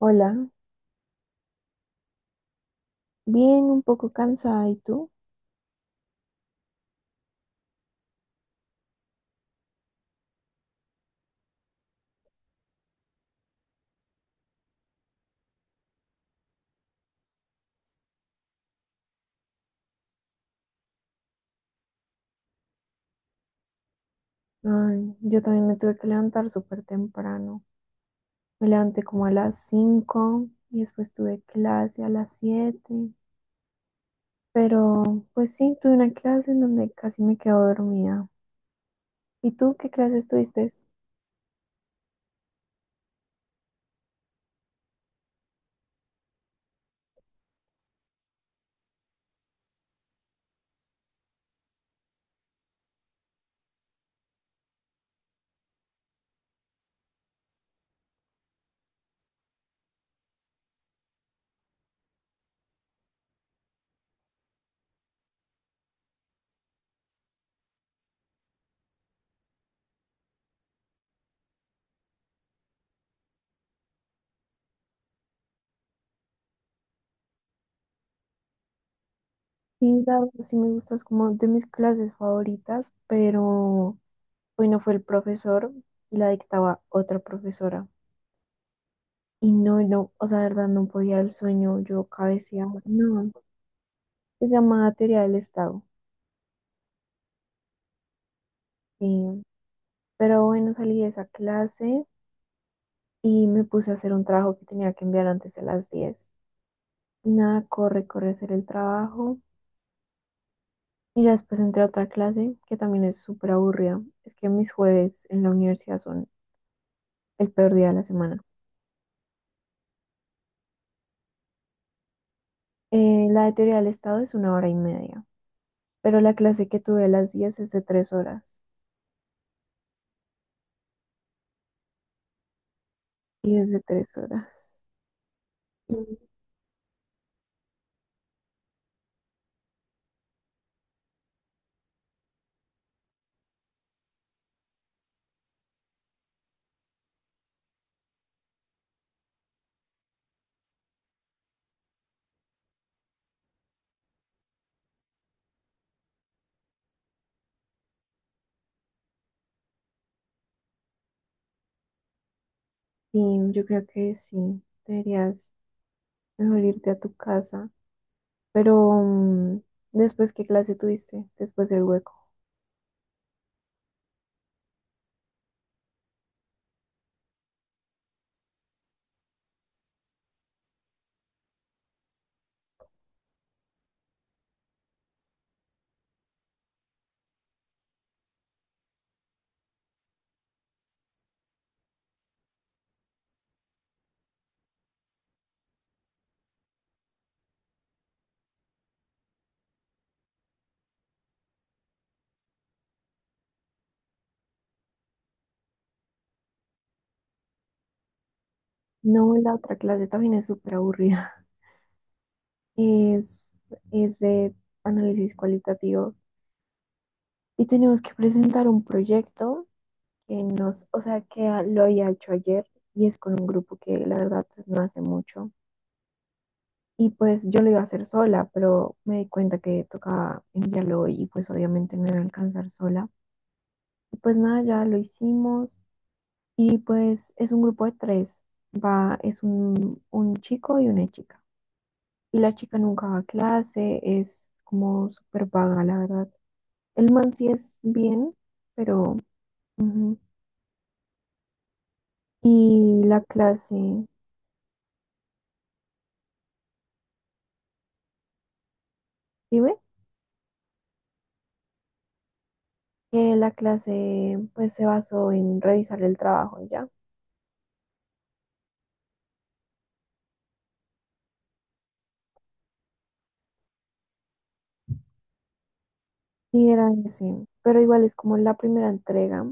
Hola, bien, un poco cansada, ¿y tú? Ay, yo también me tuve que levantar súper temprano. Me levanté como a las 5 y después tuve clase a las 7. Pero, pues sí, tuve una clase en donde casi me quedo dormida. ¿Y tú qué clases tuviste? Sí, la verdad, sí me gustas como de mis clases favoritas, pero hoy no fue el profesor, la dictaba otra profesora. Y no, o sea, la verdad no podía el sueño, yo cabeceaba. No. Se llamaba teoría del Estado. eh, pero bueno, salí de esa clase y me puse a hacer un trabajo que tenía que enviar antes de las diez. Y nada, corre, corre a hacer el trabajo. Y ya después entré a otra clase que también es súper aburrida. Es que mis jueves en la universidad son el peor día de la semana. La de teoría del Estado es una hora y media, pero la clase que tuve a las 10 es de tres horas. Y es de tres horas. Y sí, yo creo que sí, deberías mejor irte a tu casa. Pero, ¿después qué clase tuviste? Después del hueco. No, la otra clase también es súper aburrida. Es, es de análisis cualitativo. Y tenemos que presentar un proyecto que nos, o sea, que lo había hecho ayer, y es con un grupo que la verdad no hace mucho. Y pues yo lo iba a hacer sola, pero me di cuenta que tocaba enviarlo hoy y pues obviamente no iba a alcanzar sola. Y pues nada, ya lo hicimos. Y pues es un grupo de tres. Va, es un chico y una chica. Y la chica nunca va a clase, es como súper vaga, la verdad. El man sí es bien, pero... ujú. Y la clase, ¿sí ve? La clase pues se basó en revisar el trabajo y ya. Sí era ese, pero igual es como la primera entrega.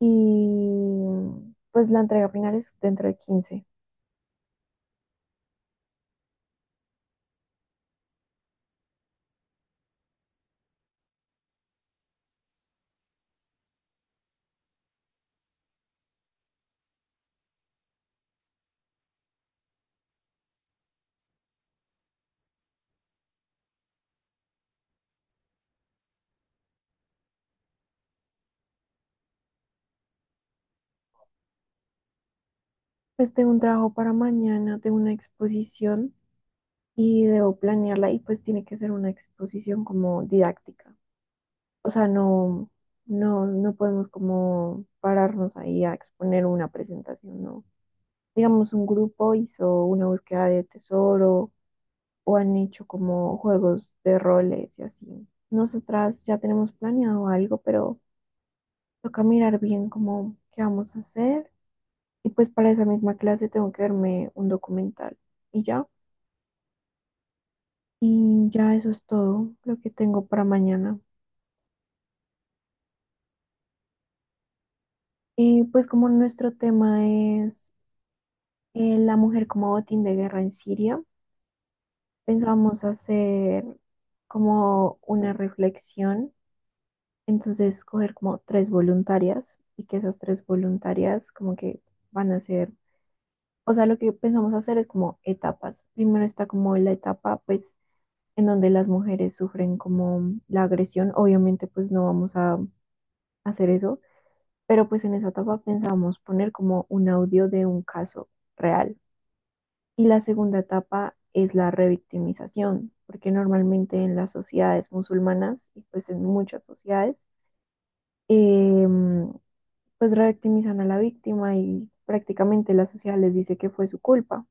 Y pues la entrega final es dentro de quince. Pues tengo un trabajo para mañana, tengo una exposición y debo planearla y pues tiene que ser una exposición como didáctica. O sea, no podemos como pararnos ahí a exponer una presentación, ¿no? Digamos, un grupo hizo una búsqueda de tesoro o han hecho como juegos de roles y así. Nosotras ya tenemos planeado algo, pero toca mirar bien cómo qué vamos a hacer. Y pues para esa misma clase tengo que verme un documental y ya. Y ya eso es todo lo que tengo para mañana. Pues como nuestro tema es la mujer como botín de guerra en Siria, pensamos hacer como una reflexión, entonces coger como tres voluntarias y que esas tres voluntarias como que van a ser, o sea, lo que pensamos hacer es como etapas. Primero está como la etapa pues en donde las mujeres sufren como la agresión, obviamente pues no vamos a hacer eso, pero pues en esa etapa pensamos poner como un audio de un caso real. Y la segunda etapa es la revictimización, porque normalmente en las sociedades musulmanas y pues en muchas sociedades, em, pues revictimizan a la víctima y prácticamente la sociedad les dice que fue su culpa.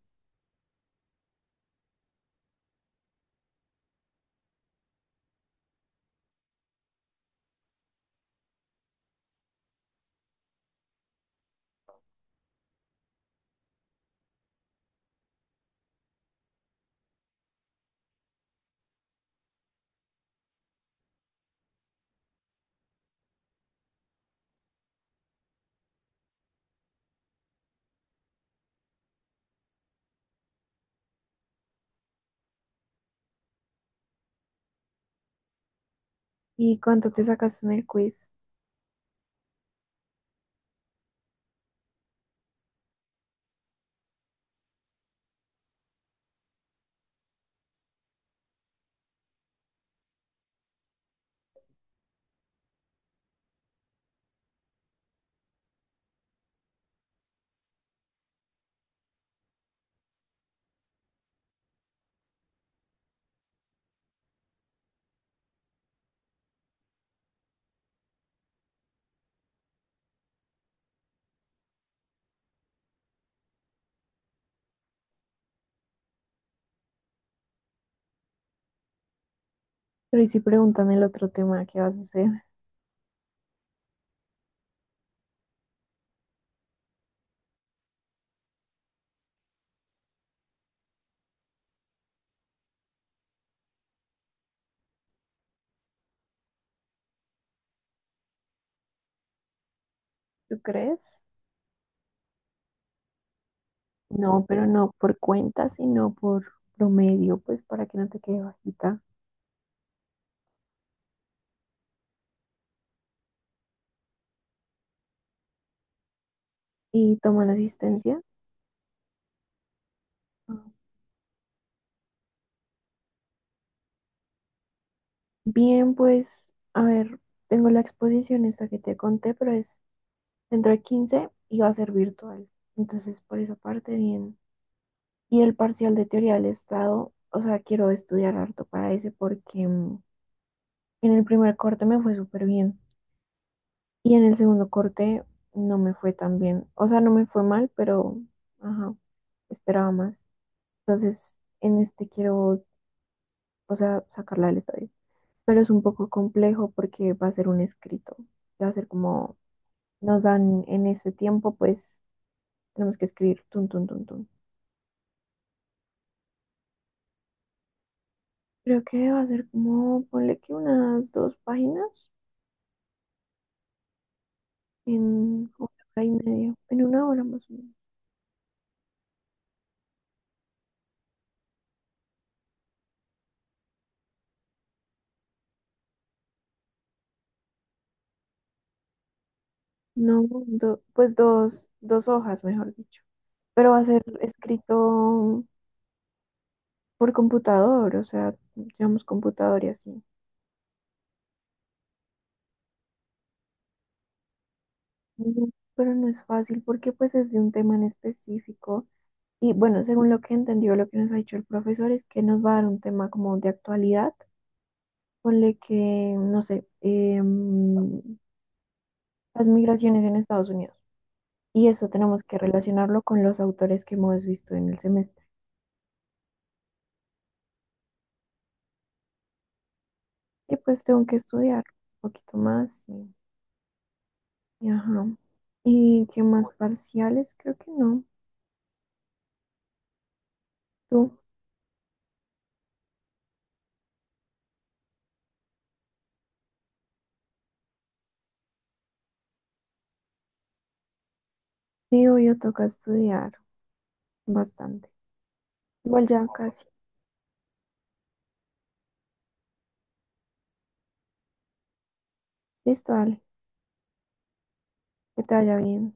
¿Y cuánto te sacaste en el quiz? Pero y si preguntan el otro tema, ¿qué vas a hacer? ¿Tú crees? No, pero no por cuenta, sino por promedio, pues para que no te quede bajita. ¿Y toman asistencia? Bien, pues, a ver, tengo la exposición esta que te conté, pero es dentro de 15 y va a ser virtual. Entonces, por esa parte, bien. Y el parcial de teoría del Estado, o sea, quiero estudiar harto para ese porque en el primer corte me fue súper bien y en el segundo corte no me fue tan bien. O sea, no me fue mal, pero, ajá, esperaba más. Entonces, en este quiero, o sea, sacarla del estadio. Pero es un poco complejo porque va a ser un escrito. Va a ser como nos dan en ese tiempo, pues tenemos que escribir tun, tun, tun, tun. Creo que va a ser como, ponle que unas dos páginas en una hora y media, en una hora más o menos. No, pues dos hojas, mejor dicho. Pero va a ser escrito por computador, o sea, llevamos computador y así. Mm. Pero no es fácil porque pues es de un tema en específico. Y bueno, según lo que entendió, lo que nos ha dicho el profesor es que nos va a dar un tema como de actualidad. Ponle que, no sé, las migraciones en Estados Unidos. Y eso tenemos que relacionarlo con los autores que hemos visto en el semestre. Y pues tengo que estudiar un poquito más. Y ajá. ¿Y qué más parciales? Creo que no. Tú, sí, yo toca estudiar bastante. Igual ya casi. Listo, dale. Que te vaya bien.